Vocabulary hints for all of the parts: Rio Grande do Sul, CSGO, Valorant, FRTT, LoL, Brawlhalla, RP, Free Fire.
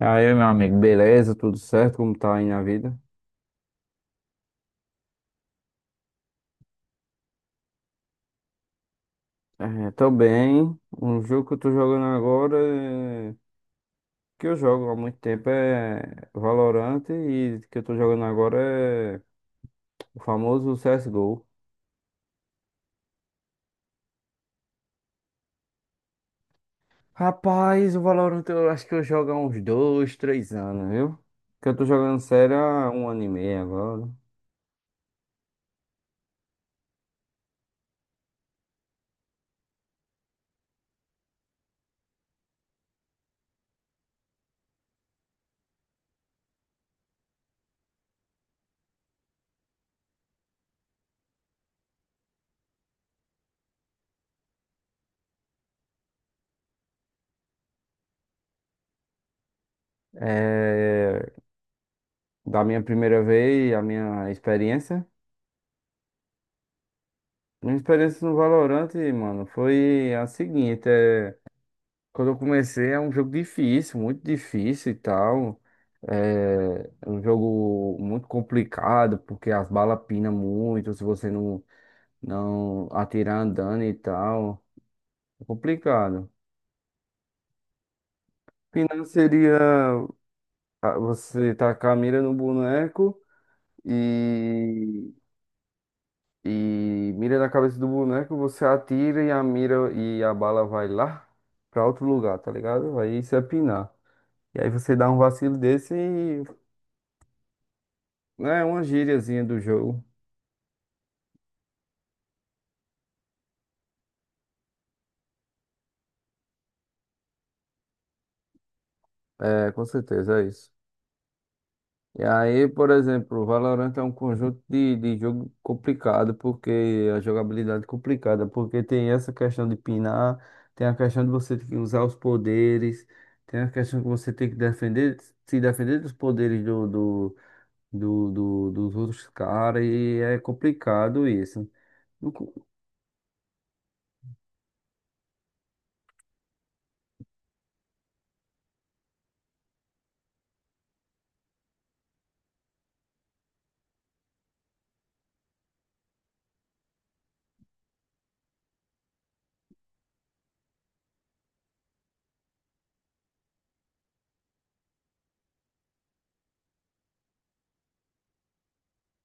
E aí, meu amigo, beleza? Tudo certo? Como tá aí na vida? É, tô bem. Um jogo que eu tô jogando agora, é- que eu jogo há muito tempo, é Valorant, e que eu tô jogando agora é o famoso CSGO. Rapaz, o Valorant eu acho que eu jogo há uns dois, três anos, viu? Que eu tô jogando sério há um ano e meio agora. É, da minha primeira vez, a minha experiência. Minha experiência no Valorant, mano, foi a seguinte, Quando eu comecei, é um jogo difícil, muito difícil e tal. É um jogo muito complicado, porque as balas pinam muito se você não atirar andando e tal. É complicado. Pinar seria, ah, você tacar a mira no boneco e, e mira na cabeça do boneco, você atira e a mira e a bala vai lá pra outro lugar, tá ligado? Aí isso é pinar. E aí você dá um vacilo desse e é uma gíriazinha do jogo. É, com certeza, é isso. E aí, por exemplo, o Valorant é um conjunto de jogo complicado, porque a jogabilidade é complicada, porque tem essa questão de pinar, tem a questão de você ter que usar os poderes, tem a questão que você tem que defender, se defender dos poderes dos outros caras, e é complicado isso. No co-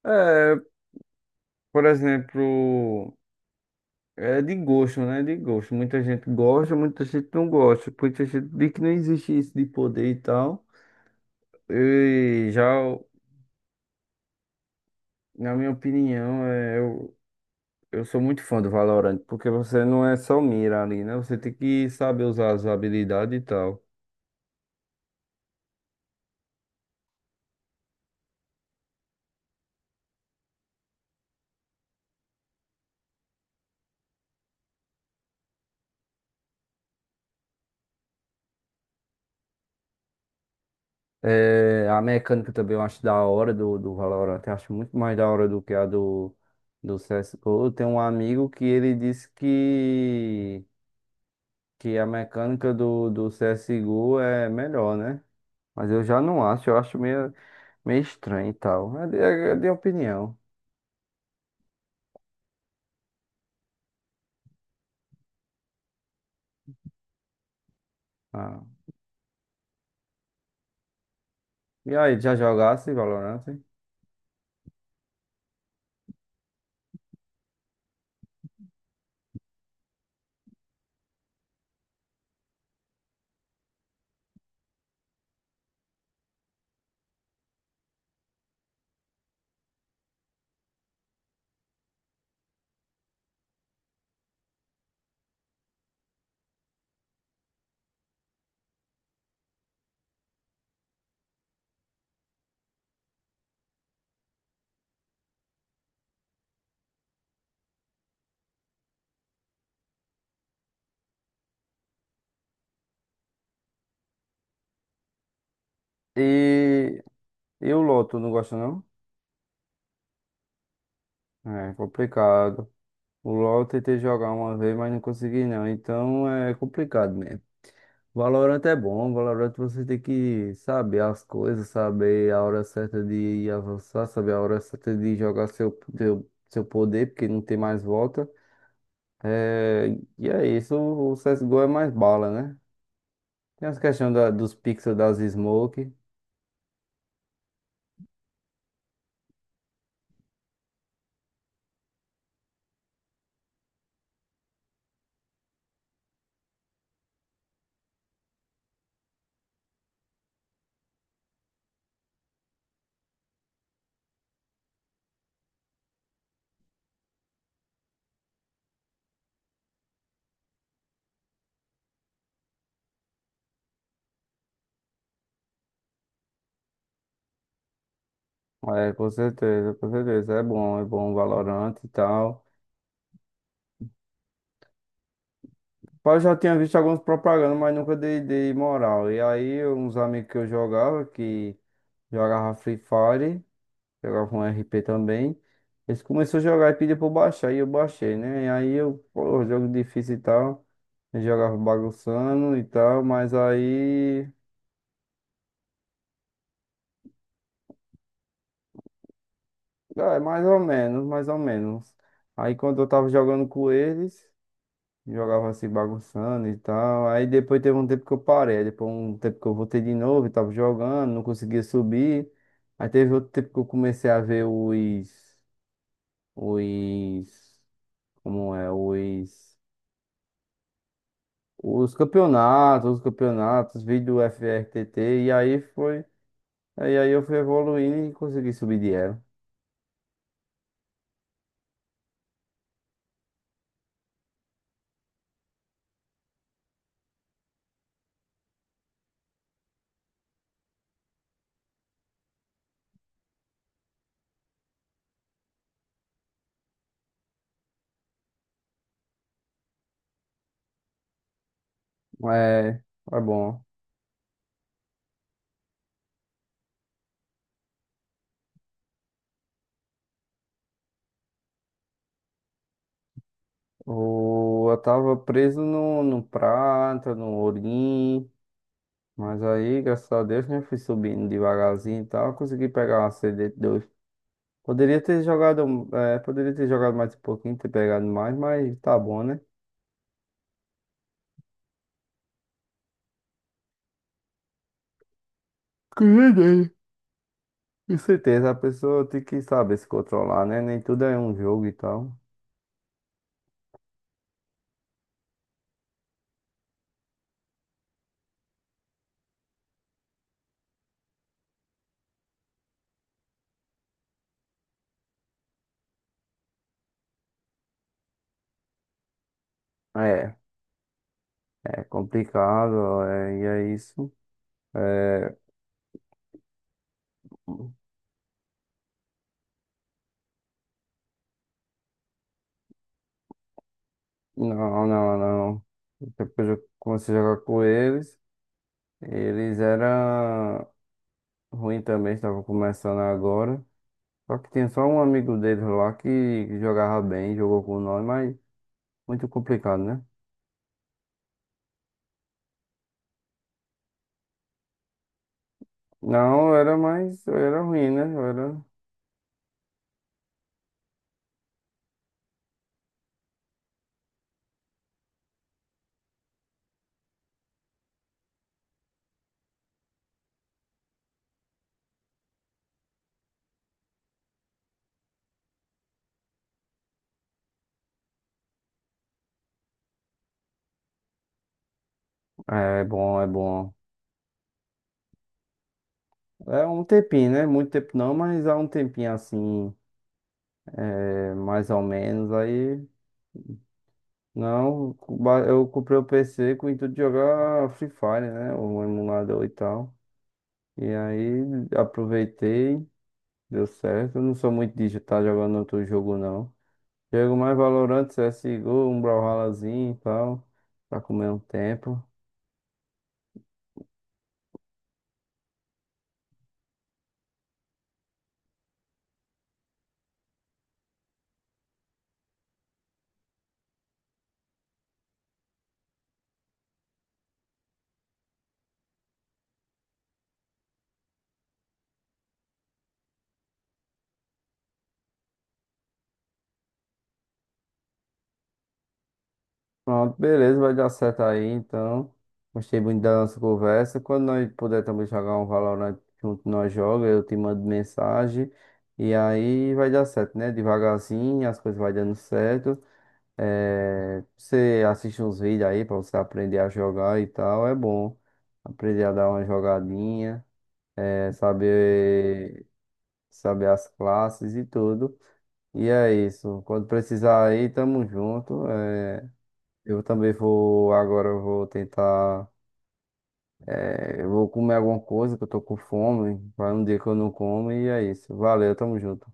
É, por exemplo. É de gosto, né? De gosto. Muita gente gosta, muita gente não gosta. Muita gente diz que não existe isso de poder e tal. E já, o- Na minha opinião, eu sou muito fã do Valorant, porque você não é só mira ali, né? Você tem que saber usar as habilidades e tal. É, a mecânica também eu acho da hora do Valorant. Eu acho muito mais da hora do que a do CSGO. Eu tenho um amigo que ele disse que a mecânica do CSGO é melhor, né? Mas eu já não acho, eu acho meio estranho e tal. É de opinião. Ah. E aí, já jogasse Valorant? E, e o LoL, tu não gosta não? É complicado. O LoL eu tentei jogar uma vez, mas não consegui não. Então é complicado mesmo. Valorant é bom, Valorant você tem que saber as coisas, saber a hora certa de avançar, saber a hora certa de jogar seu poder, porque não tem mais volta. É, e é isso, o CSGO é mais bala, né? Tem as questões dos pixels das smoke. É, com certeza, com certeza. É bom o Valorant e tal. Pá, eu já tinha visto algumas propagandas, mas nunca dei moral. E aí, uns amigos que eu jogava, que jogava Free Fire, jogava um RP também. Eles começaram a jogar e pediram pra eu baixar, e eu baixei, né? E aí eu, pô, jogo difícil e tal. Eu jogava bagunçando e tal, mas aí. Ah, é, mais ou menos, mais ou menos. Aí quando eu tava jogando com eles, jogava assim bagunçando e tal. Aí depois teve um tempo que eu parei, aí depois um tempo que eu voltei de novo e tava jogando, não conseguia subir. Aí teve outro tempo que eu comecei a ver os, como é, os campeonatos, vídeo do FRTT, e aí aí eu fui evoluindo e consegui subir de elo. É, é bom. Eu tava preso no prata, no ourim, mas aí, graças a Deus, né, fui subindo devagarzinho e tal, consegui pegar uma cd dois. Poderia ter jogado, é, poderia ter jogado mais um pouquinho, ter pegado mais, mas tá bom, né? Cuidei. Com certeza, a pessoa tem que saber se controlar, né? Nem tudo é um jogo e tal. É, é complicado, é, e é isso. Não, não, não. Depois eu comecei a jogar com eles. Eles eram. Ruim também, estava começando agora. Só que tinha só um amigo dele lá que jogava bem, jogou com nós, mas muito complicado, né? Não, eu era mais, eu era ruim, né? Eu era. É, é bom, é bom. É um tempinho, né? Muito tempo não, mas há um tempinho assim, é, mais ou menos. Aí, não, ba- eu comprei o PC com o intuito de jogar Free Fire, né? O emulador e tal. E aí, aproveitei, deu certo. Eu não sou muito de estar jogando outro jogo, não. Jogo mais Valorant, CSGO, um Brawlhallazinho e tal, pra comer um tempo. Pronto, beleza, vai dar certo aí, então. Gostei muito da nossa conversa. Quando nós puder também jogar um Valorant junto, nós joga, eu te mando mensagem. E aí vai dar certo, né? Devagarzinho, as coisas vai dando certo. É, você assiste uns vídeos aí pra você aprender a jogar e tal, é bom. Aprender a dar uma jogadinha, é, saber, saber as classes e tudo. E é isso. Quando precisar aí, tamo junto. Eu também vou, agora eu vou tentar, é, eu vou comer alguma coisa que eu tô com fome. Vai um dia que eu não como e é isso. Valeu, tamo junto.